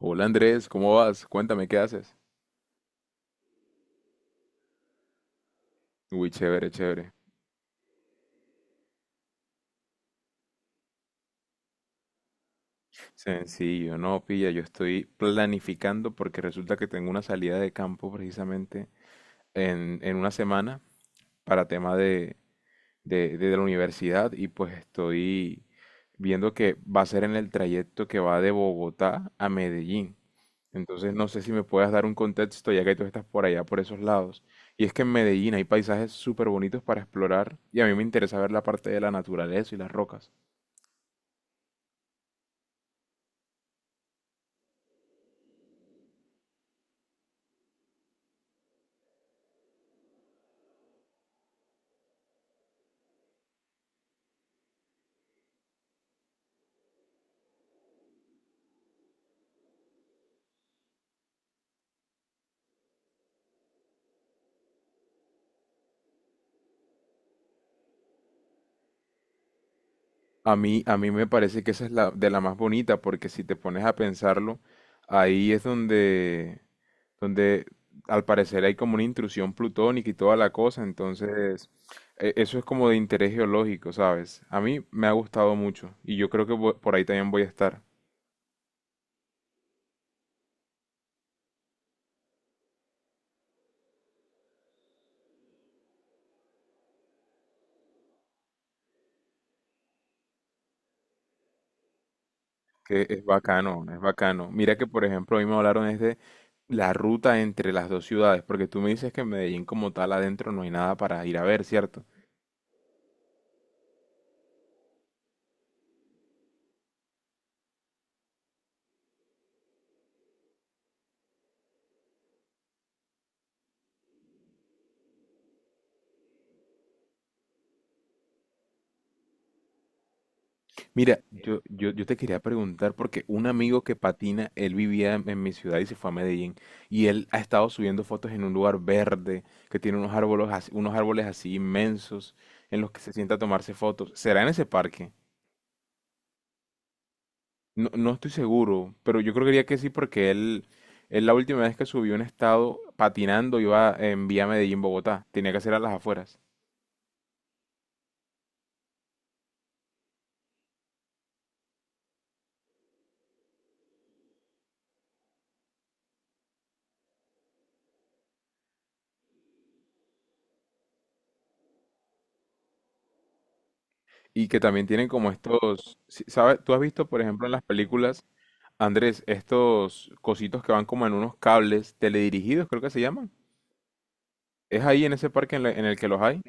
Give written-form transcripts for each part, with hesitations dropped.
Hola Andrés, ¿cómo vas? Cuéntame, ¿qué haces? Uy, chévere, chévere. Sencillo, no, pilla, yo estoy planificando porque resulta que tengo una salida de campo precisamente en una semana para tema de la universidad y pues estoy viendo que va a ser en el trayecto que va de Bogotá a Medellín. Entonces no sé si me puedas dar un contexto ya que tú estás por allá, por esos lados. Y es que en Medellín hay paisajes súper bonitos para explorar y a mí me interesa ver la parte de la naturaleza y las rocas. A mí me parece que esa es la de la más bonita, porque si te pones a pensarlo, ahí es donde, donde al parecer hay como una intrusión plutónica y toda la cosa, entonces eso es como de interés geológico, ¿sabes? A mí me ha gustado mucho y yo creo que por ahí también voy a estar, que es bacano, es bacano. Mira que por ejemplo hoy me hablaron es de la ruta entre las dos ciudades, porque tú me dices que en Medellín como tal adentro no hay nada para ir a ver, ¿cierto? Mira, yo te quería preguntar porque un amigo que patina, él vivía en mi ciudad y se fue a Medellín y él ha estado subiendo fotos en un lugar verde que tiene unos árboles, unos árboles así inmensos en los que se sienta a tomarse fotos. ¿Será en ese parque? No, no estoy seguro, pero yo creo que sí porque él la última vez que subió un estado patinando iba en vía Medellín, Bogotá. Tenía que ser a las afueras. Y que también tienen como estos, ¿sabes? ¿Tú has visto, por ejemplo, en las películas? Andrés, estos cositos que van como en unos cables teledirigidos, creo que se llaman. ¿Es ahí en ese parque en el que los hay?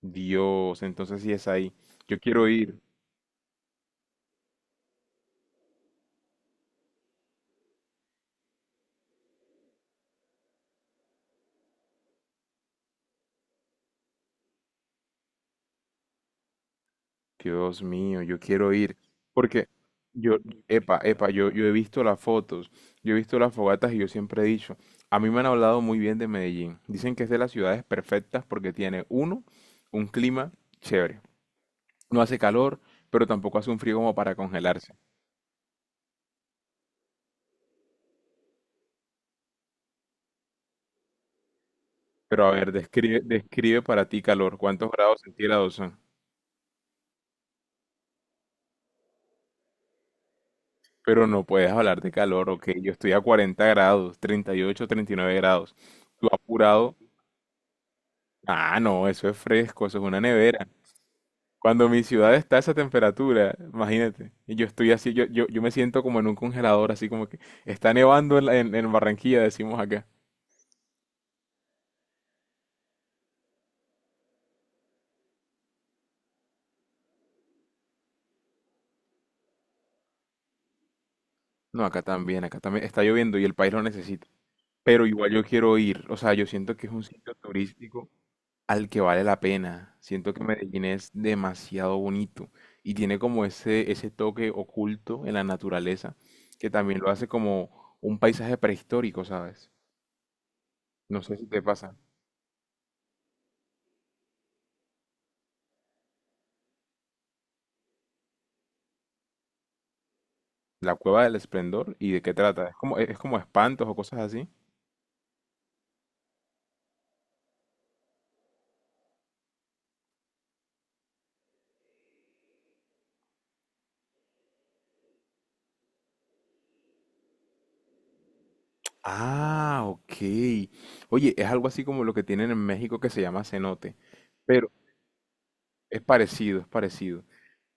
Dios, entonces sí es ahí. Yo quiero ir. Dios mío, yo quiero ir. Porque yo, epa, epa, yo he visto las fotos, yo he visto las fogatas y yo siempre he dicho, a mí me han hablado muy bien de Medellín. Dicen que es de las ciudades perfectas porque tiene, uno, un clima chévere. No hace calor, pero tampoco hace un frío como para congelarse. Pero a ver, describe para ti calor. ¿Cuántos grados centígrados son? Pero no puedes hablar de calor, ok. Yo estoy a 40 grados, 30, 38, 39 grados. Tú apurado. Ah, no, eso es fresco, eso es una nevera. Cuando mi ciudad está a esa temperatura, imagínate. Y yo estoy así, yo me siento como en un congelador, así como que está nevando en, la- en Barranquilla, decimos acá. No, acá también está lloviendo y el país lo necesita. Pero igual yo quiero ir. O sea, yo siento que es un sitio turístico al que vale la pena. Siento que Medellín es demasiado bonito y tiene como ese toque oculto en la naturaleza que también lo hace como un paisaje prehistórico, ¿sabes? No sé si te pasa. La Cueva del Esplendor y de qué trata. Es como espantos o cosas así. Ah, ok. Oye, es algo así como lo que tienen en México que se llama cenote, pero es parecido, es parecido.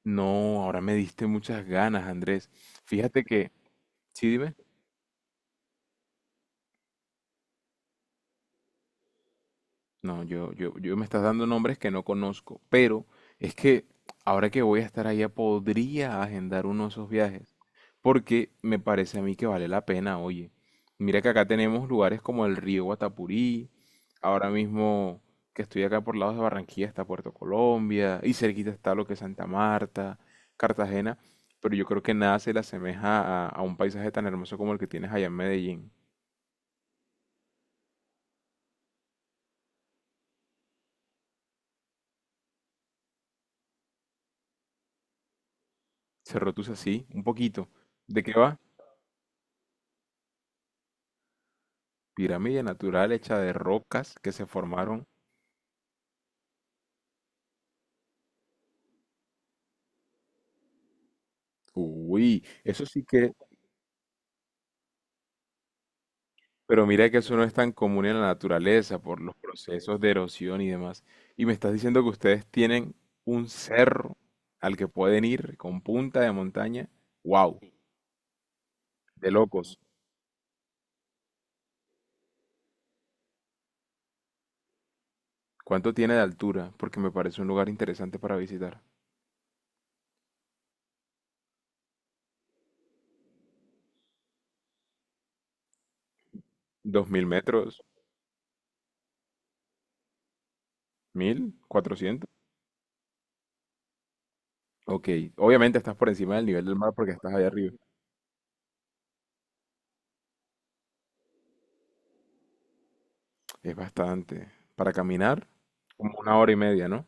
No, ahora me diste muchas ganas, Andrés. Fíjate que, sí, dime. No, yo me estás dando nombres que no conozco, pero es que ahora que voy a estar allá podría agendar uno de esos viajes, porque me parece a mí que vale la pena, oye. Mira que acá tenemos lugares como el río Guatapurí, ahora mismo que estoy acá por lados de Barranquilla está Puerto Colombia, y cerquita está lo que es Santa Marta, Cartagena, pero yo creo que nada se le asemeja a un paisaje tan hermoso como el que tienes allá en Medellín. Cerro Tus así, un poquito. ¿De qué va? Pirámide natural hecha de rocas que se formaron. Uy, eso sí que, pero mira que eso no es tan común en la naturaleza por los procesos de erosión y demás. Y me estás diciendo que ustedes tienen un cerro al que pueden ir con punta de montaña. Wow, de locos. ¿Cuánto tiene de altura? Porque me parece un lugar interesante para visitar. ¿2000 metros? ¿1000? ¿400? Ok, obviamente estás por encima del nivel del mar porque estás allá arriba. Es bastante. Para caminar, como una hora y media, ¿no?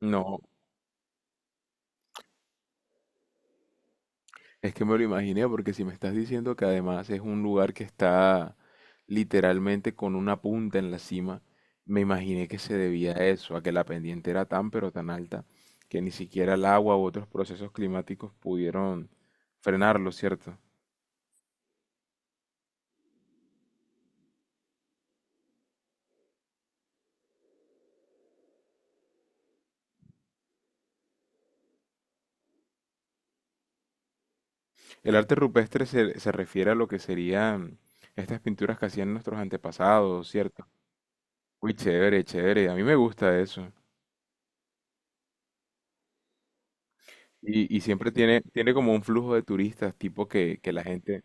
No, es que me lo imaginé porque si me estás diciendo que además es un lugar que está literalmente con una punta en la cima, me imaginé que se debía a eso, a que la pendiente era tan pero tan alta que ni siquiera el agua u otros procesos climáticos pudieron frenarlo, ¿cierto? El arte rupestre se refiere a lo que serían estas pinturas que hacían nuestros antepasados, ¿cierto? Uy, chévere, chévere, a mí me gusta eso. Y siempre tiene como un flujo de turistas, tipo que la gente...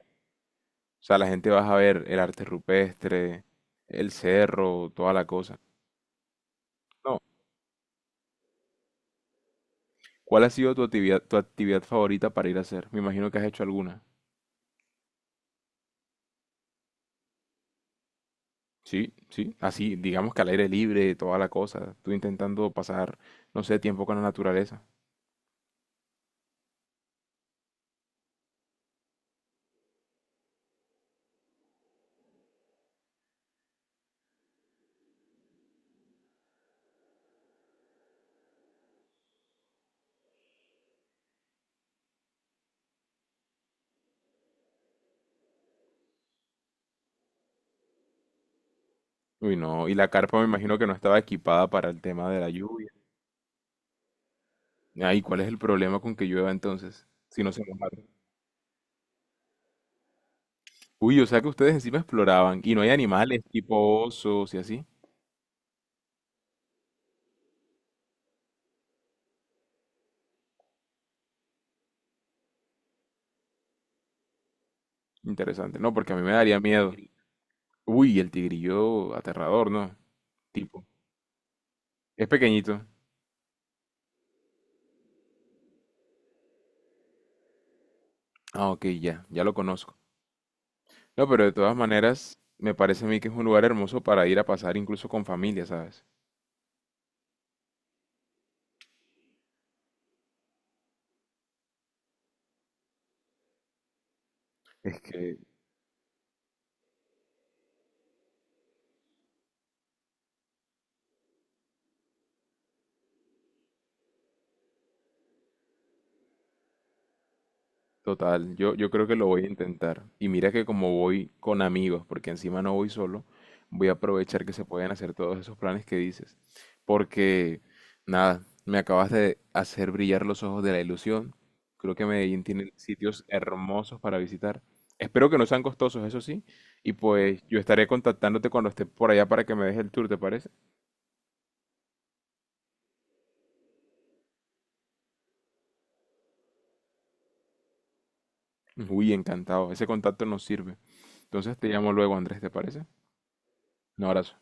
O sea, la gente vas a ver el arte rupestre, el cerro, toda la cosa. No, ¿cuál ha sido tu actividad favorita para ir a hacer? Me imagino que has hecho alguna. Sí, sí, así, digamos que al aire libre, toda la cosa. Tú intentando pasar, no sé, tiempo con la naturaleza. Uy, no, y la carpa me imagino que no estaba equipada para el tema de la lluvia. Ay, ¿cuál es el problema con que llueva entonces? Si no se mojaron. Uy, o sea que ustedes encima exploraban y no hay animales tipo osos y así. Interesante. No, porque a mí me daría miedo. Uy, el tigrillo aterrador, ¿no? Tipo. Es pequeñito. Ah, ok, ya, ya lo conozco. No, pero de todas maneras, me parece a mí que es un lugar hermoso para ir a pasar incluso con familia, ¿sabes? Total, yo creo que lo voy a intentar. Y mira que como voy con amigos, porque encima no voy solo, voy a aprovechar que se pueden hacer todos esos planes que dices. Porque, nada, me acabas de hacer brillar los ojos de la ilusión. Creo que Medellín tiene sitios hermosos para visitar. Espero que no sean costosos, eso sí. Y pues yo estaré contactándote cuando esté por allá para que me des el tour, ¿te parece? Uy, encantado. Ese contacto nos sirve. Entonces te llamo luego, Andrés, ¿te parece? Un abrazo.